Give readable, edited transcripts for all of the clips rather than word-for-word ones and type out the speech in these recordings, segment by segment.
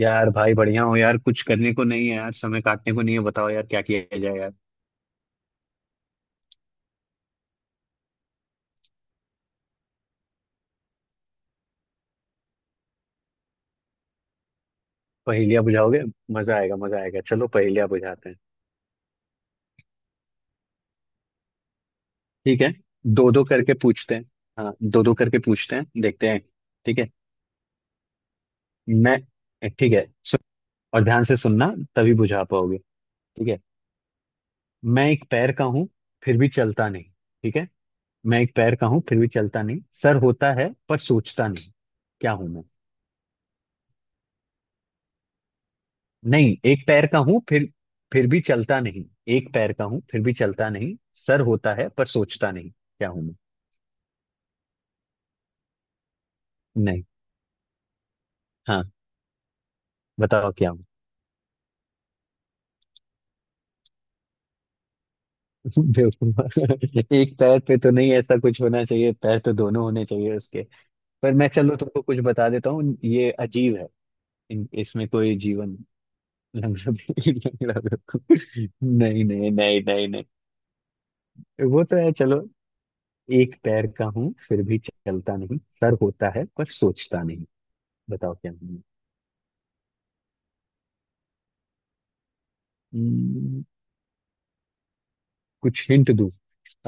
यार भाई बढ़िया हो यार। कुछ करने को नहीं है यार, समय काटने को नहीं है। बताओ यार क्या किया जाए यार। पहेलियां बुझाओगे? मजा आएगा, मजा आएगा। चलो पहेलियां बुझाते हैं। ठीक है, दो दो करके पूछते हैं। हाँ, दो दो करके पूछते हैं, देखते हैं। ठीक है। मैं ठीक है सु- और ध्यान से सुनना, तभी बुझा पाओगे। ठीक है, मैं एक पैर का हूँ फिर भी चलता नहीं। ठीक है, मैं एक पैर का हूँ फिर भी चलता नहीं, सर होता है पर सोचता नहीं। क्या हूं मैं? नहीं, एक पैर का हूं फिर भी चलता नहीं। एक पैर का हूं फिर भी चलता नहीं, सर होता है पर सोचता नहीं, क्या हूं मैं? नहीं। हाँ, बताओ क्या हूं। बेवकूफ। एक पैर पे तो नहीं, ऐसा कुछ होना चाहिए, पैर तो दोनों होने चाहिए उसके। पर मैं चलो तुमको कुछ बता देता हूँ, ये अजीब है। इसमें कोई जीवन। लग रहा बेवकूफ। नहीं नहीं नहीं नहीं नहीं वो तो है, चलो। एक पैर का हूं फिर भी चलता नहीं, सर होता है पर सोचता नहीं, बताओ क्या हूं। हम्म, कुछ हिंट दूँ?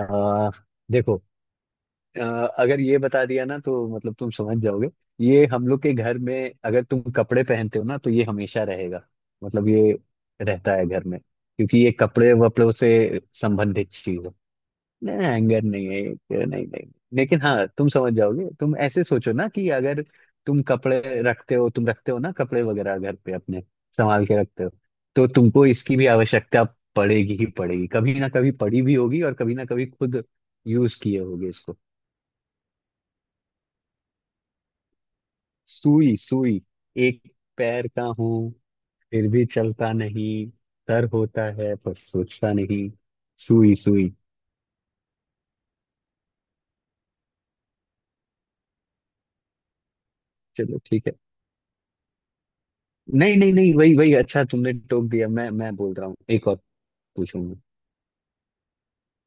आ, देखो। आ, अगर ये बता दिया ना तो मतलब तुम समझ जाओगे। ये हम लोग के घर में, अगर तुम कपड़े पहनते हो ना तो ये हमेशा रहेगा। मतलब ये रहता है घर में, क्योंकि ये कपड़े वपड़ों से संबंधित चीज है। नहीं, एंगर नहीं है, एक नहीं नहीं नहीं। लेकिन हाँ, तुम समझ जाओगे। तुम ऐसे सोचो ना कि अगर तुम कपड़े रखते हो, तुम रखते हो ना कपड़े वगैरह घर पे अपने, संभाल के रखते हो, तो तुमको इसकी भी आवश्यकता पड़ेगी ही पड़ेगी। कभी ना कभी पड़ी भी होगी, और कभी ना कभी खुद यूज किए होगे इसको। सुई, सुई। एक पैर का हूं फिर भी चलता नहीं, सर होता है पर सोचता नहीं। सुई, सुई। चलो ठीक है। नहीं नहीं नहीं, वही वही अच्छा तुमने टोक दिया। मैं बोल रहा हूँ, एक और पूछूंगी।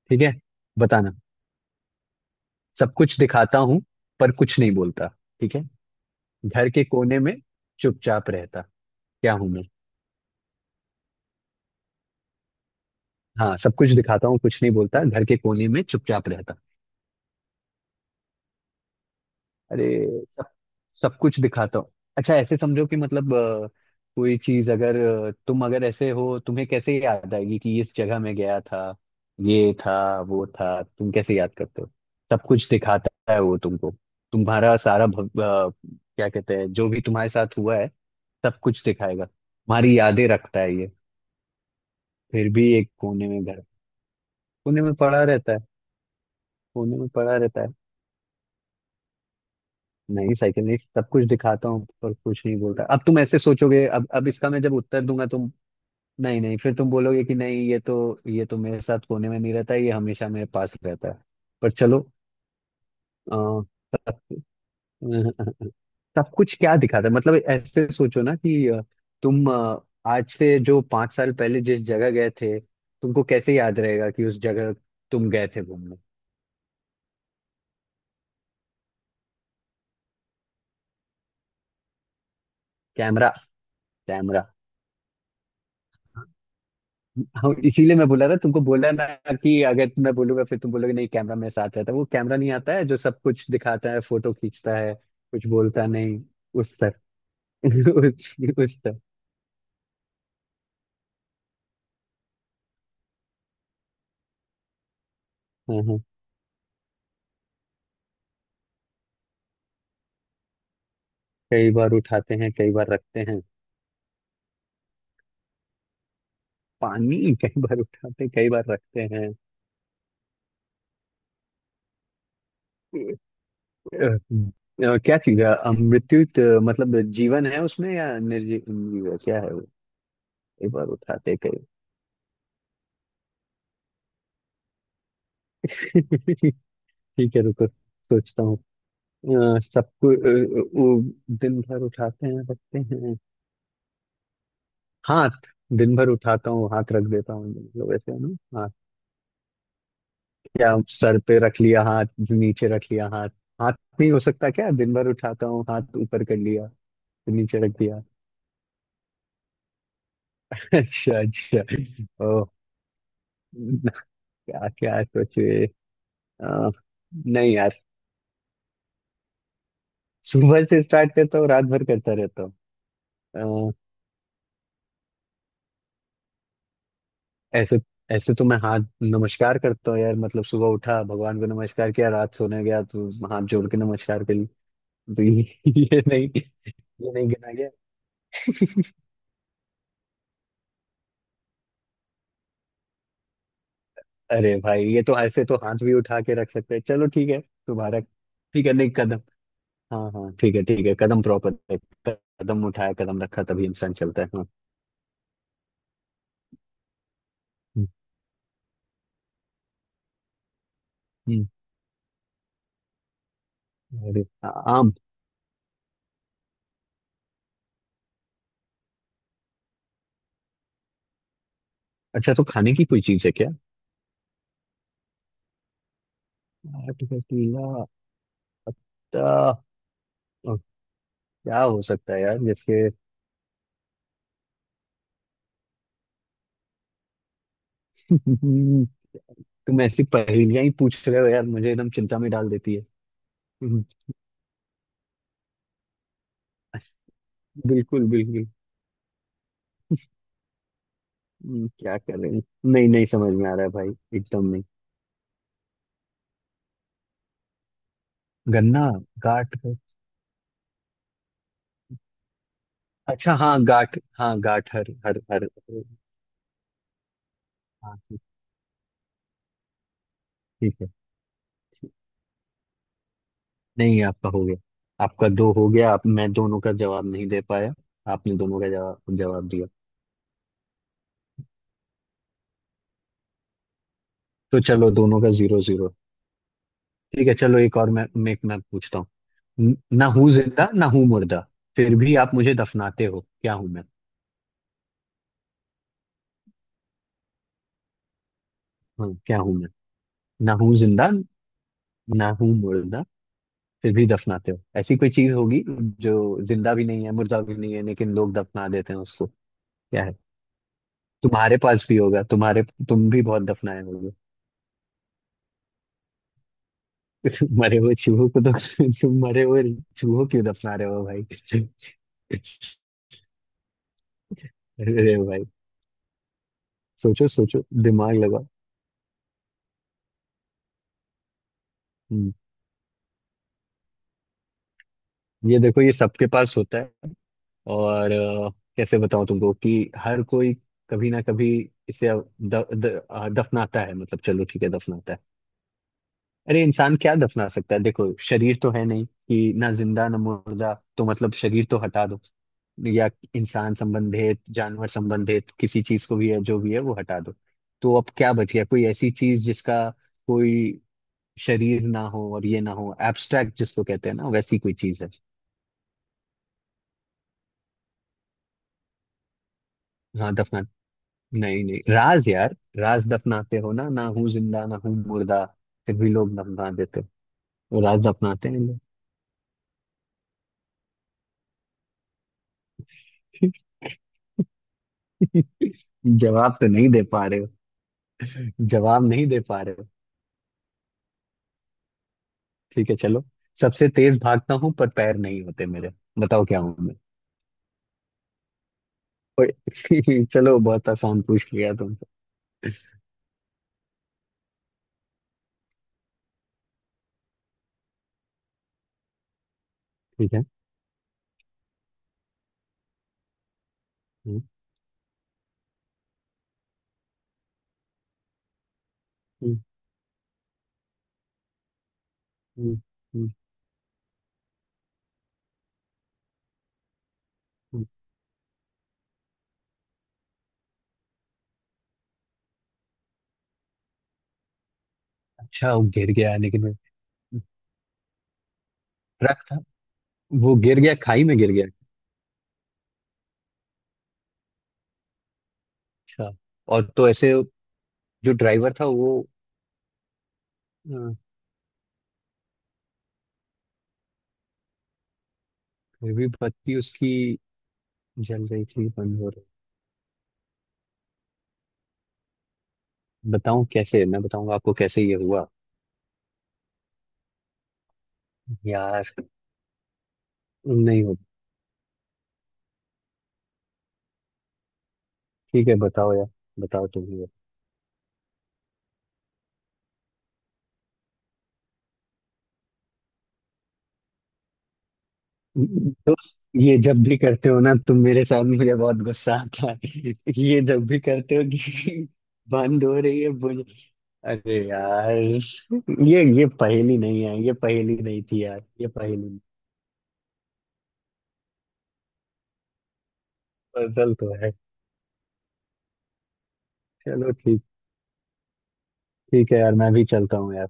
ठीक है, बताना। सब कुछ दिखाता हूँ पर कुछ नहीं बोलता। ठीक है। घर के कोने में चुपचाप रहता। क्या हूं मैं? हाँ, सब कुछ दिखाता हूँ कुछ नहीं बोलता, घर के कोने में चुपचाप रहता। अरे, सब सब कुछ दिखाता हूँ। अच्छा, ऐसे समझो कि मतलब कोई चीज अगर, तुम अगर ऐसे हो, तुम्हें कैसे याद आएगी कि इस जगह में गया था, ये था, वो था, तुम कैसे याद करते हो? सब कुछ दिखाता है वो तुमको। तुम्हारा सारा भव- अ, क्या कहते हैं, जो भी तुम्हारे साथ हुआ है सब कुछ दिखाएगा, तुम्हारी यादें रखता है ये। फिर भी एक कोने में घर, कोने में पड़ा रहता है, कोने में पड़ा रहता है। नहीं साइकिल, सब कुछ दिखाता हूँ पर कुछ नहीं बोलता। अब तुम ऐसे सोचोगे, अब इसका मैं जब उत्तर दूंगा तुम। नहीं नहीं, फिर तुम बोलोगे कि नहीं ये तो मेरे साथ कोने में नहीं रहता, ये हमेशा मेरे पास रहता है, पर चलो। अ, सब, सब कुछ क्या दिखाता है, मतलब ऐसे सोचो ना कि तुम आज से जो पांच साल पहले जिस जगह गए थे, तुमको कैसे याद रहेगा कि उस जगह तुम गए थे घूमने? Camera, camera. हाँ, इसीलिए मैं बोला था तुमको, बोला ना कि अगर मैं बोलूंगा फिर तुम बोलोगे नहीं कैमरा मेरे साथ रहता है। वो कैमरा नहीं, आता है जो सब कुछ दिखाता है, फोटो खींचता है, कुछ बोलता नहीं। उस तक। उस उस तक। हाँ हाँ, कई बार उठाते हैं कई बार रखते हैं। पानी, कई बार उठाते हैं कई बार रखते हैं। क्या चीज है, मृत्यु तो, मतलब जीवन है उसमें या निर्जीव क्या है वो? कई बार उठाते कई। ठीक है, रुको सोचता हूँ। सबको वो दिन भर उठाते हैं रखते हैं। हाथ, दिन भर उठाता हूँ हाथ रख देता हूँ, मतलब ऐसे है ना हाथ। क्या सर पे रख लिया हाथ, नीचे रख लिया हाथ। हाथ नहीं हो सकता क्या? दिन भर उठाता हूँ हाथ ऊपर कर लिया, फिर नीचे रख दिया। अच्छा अच्छा। ओ, क्या, क्या सोचे? अ, नहीं यार, सुबह से स्टार्ट करता हूँ रात भर करता रहता हूँ। ऐसे ऐसे तो मैं हाथ नमस्कार करता हूँ यार, मतलब सुबह उठा भगवान को नमस्कार किया, रात सोने गया तो हाथ जोड़ के नमस्कार कर ली। तो ये, ये नहीं, ये नहीं गिना गया। अरे भाई, ये तो ऐसे तो हाथ भी उठा के रख सकते हैं। चलो ठीक है तुम्हारा। ठीक है, नहीं कदम। हाँ हाँ, ठीक है ठीक है, कदम प्रॉपर है। कदम उठाया कदम रखा तभी इंसान चलता है, हाँ। हम्म, हम्म, अरे आ- आम। अच्छा, तो खाने की कोई चीज है क्या? आठ का केला, ता- ओ, क्या हो सकता है यार जिसके। तुम ऐसी पहेलियां ही पूछ रहे हो यार, मुझे एकदम चिंता में डाल देती है। हम्म, बिल्कुल बिल्कुल। क्या कर रहे हैं? नहीं नहीं समझ में आ रहा है भाई, एकदम नहीं। गन्ना, गाठ है। अच्छा हाँ, गाठ, हाँ गाठ, हर हर हर हर। हाँ ठीक। ठीक है, नहीं आपका हो गया। आपका दो हो गया, आप मैं दोनों का जवाब नहीं दे पाया। आपने दोनों का जवाब जवाब दिया। तो चलो दोनों का जीरो जीरो। ठीक है, चलो एक और मैं पूछता हूँ। ना हूँ जिंदा, ना हूँ मुर्दा, फिर भी आप मुझे दफनाते हो। क्या हूँ मैं? हाँ, क्या हूँ मैं? ना हूँ जिंदा, ना हूँ मुर्दा, फिर भी दफनाते हो। ऐसी कोई चीज होगी जो जिंदा भी नहीं है, मुर्दा भी नहीं है, लेकिन लोग दफना देते हैं उसको। क्या है? तुम्हारे पास भी होगा, तुम भी बहुत दफनाए होगे। मरे हुए चूहों को तो, तुम मरे हुए चूहों क्यों दफना रहे हो भाई? अरे भाई, सोचो सोचो दिमाग लगाओ। हम्म, ये देखो, ये सबके पास होता है। और कैसे बताऊं तुमको कि हर कोई कभी ना कभी इसे द, द, अ, दफनाता है, मतलब चलो ठीक है दफनाता है। अरे, इंसान क्या दफना सकता है? देखो, शरीर तो है नहीं कि ना जिंदा ना मुर्दा, तो मतलब शरीर तो हटा दो। या इंसान संबंधित, जानवर संबंधित किसी चीज को, भी है जो भी है वो हटा दो। तो अब क्या बच गया? कोई ऐसी चीज जिसका कोई शरीर ना हो और ये ना हो, एब्स्ट्रैक्ट जिसको कहते हैं ना, वैसी कोई चीज है। हाँ दफना नहीं नहीं, राज यार, राज दफनाते हो ना। ना हूँ जिंदा, ना हूँ मुर्दा, फिर भी लोग दफना देते हो, राज दफनाते हैं लोग। जवाब तो नहीं दे पा रहे हो, जवाब नहीं दे पा रहे हो। ठीक है चलो। सबसे तेज भागता हूँ पर पैर नहीं होते मेरे, बताओ क्या हूँ मैं? ओए, चलो बहुत आसान पूछ लिया तुमसे। ठीक है। हम्म, हम्म, हम्म, हम्म, हम्म। अच्छा, वो गिर गया लेकिन ट्रक था, वो गिर गया खाई में गिर गया। अच्छा, और तो ऐसे जो ड्राइवर था वो, अ, फिर भी बत्ती उसकी जल रही थी बंद हो रही। बताऊं कैसे, मैं बताऊंगा आपको कैसे ये हुआ। यार, नहीं हो। ठीक है, बताओ यार, बताओ तुम। दोस्त, ये जब भी करते हो ना तुम मेरे साथ मुझे बहुत गुस्सा आता है। ये जब भी करते हो कि बंद हो रही है मुझे, अरे यार। ये पहेली नहीं है, ये पहेली नहीं थी यार, ये पहेली। पजल तो है। चलो ठीक, ठीक है यार, मैं भी चलता हूँ यार।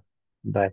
बाय।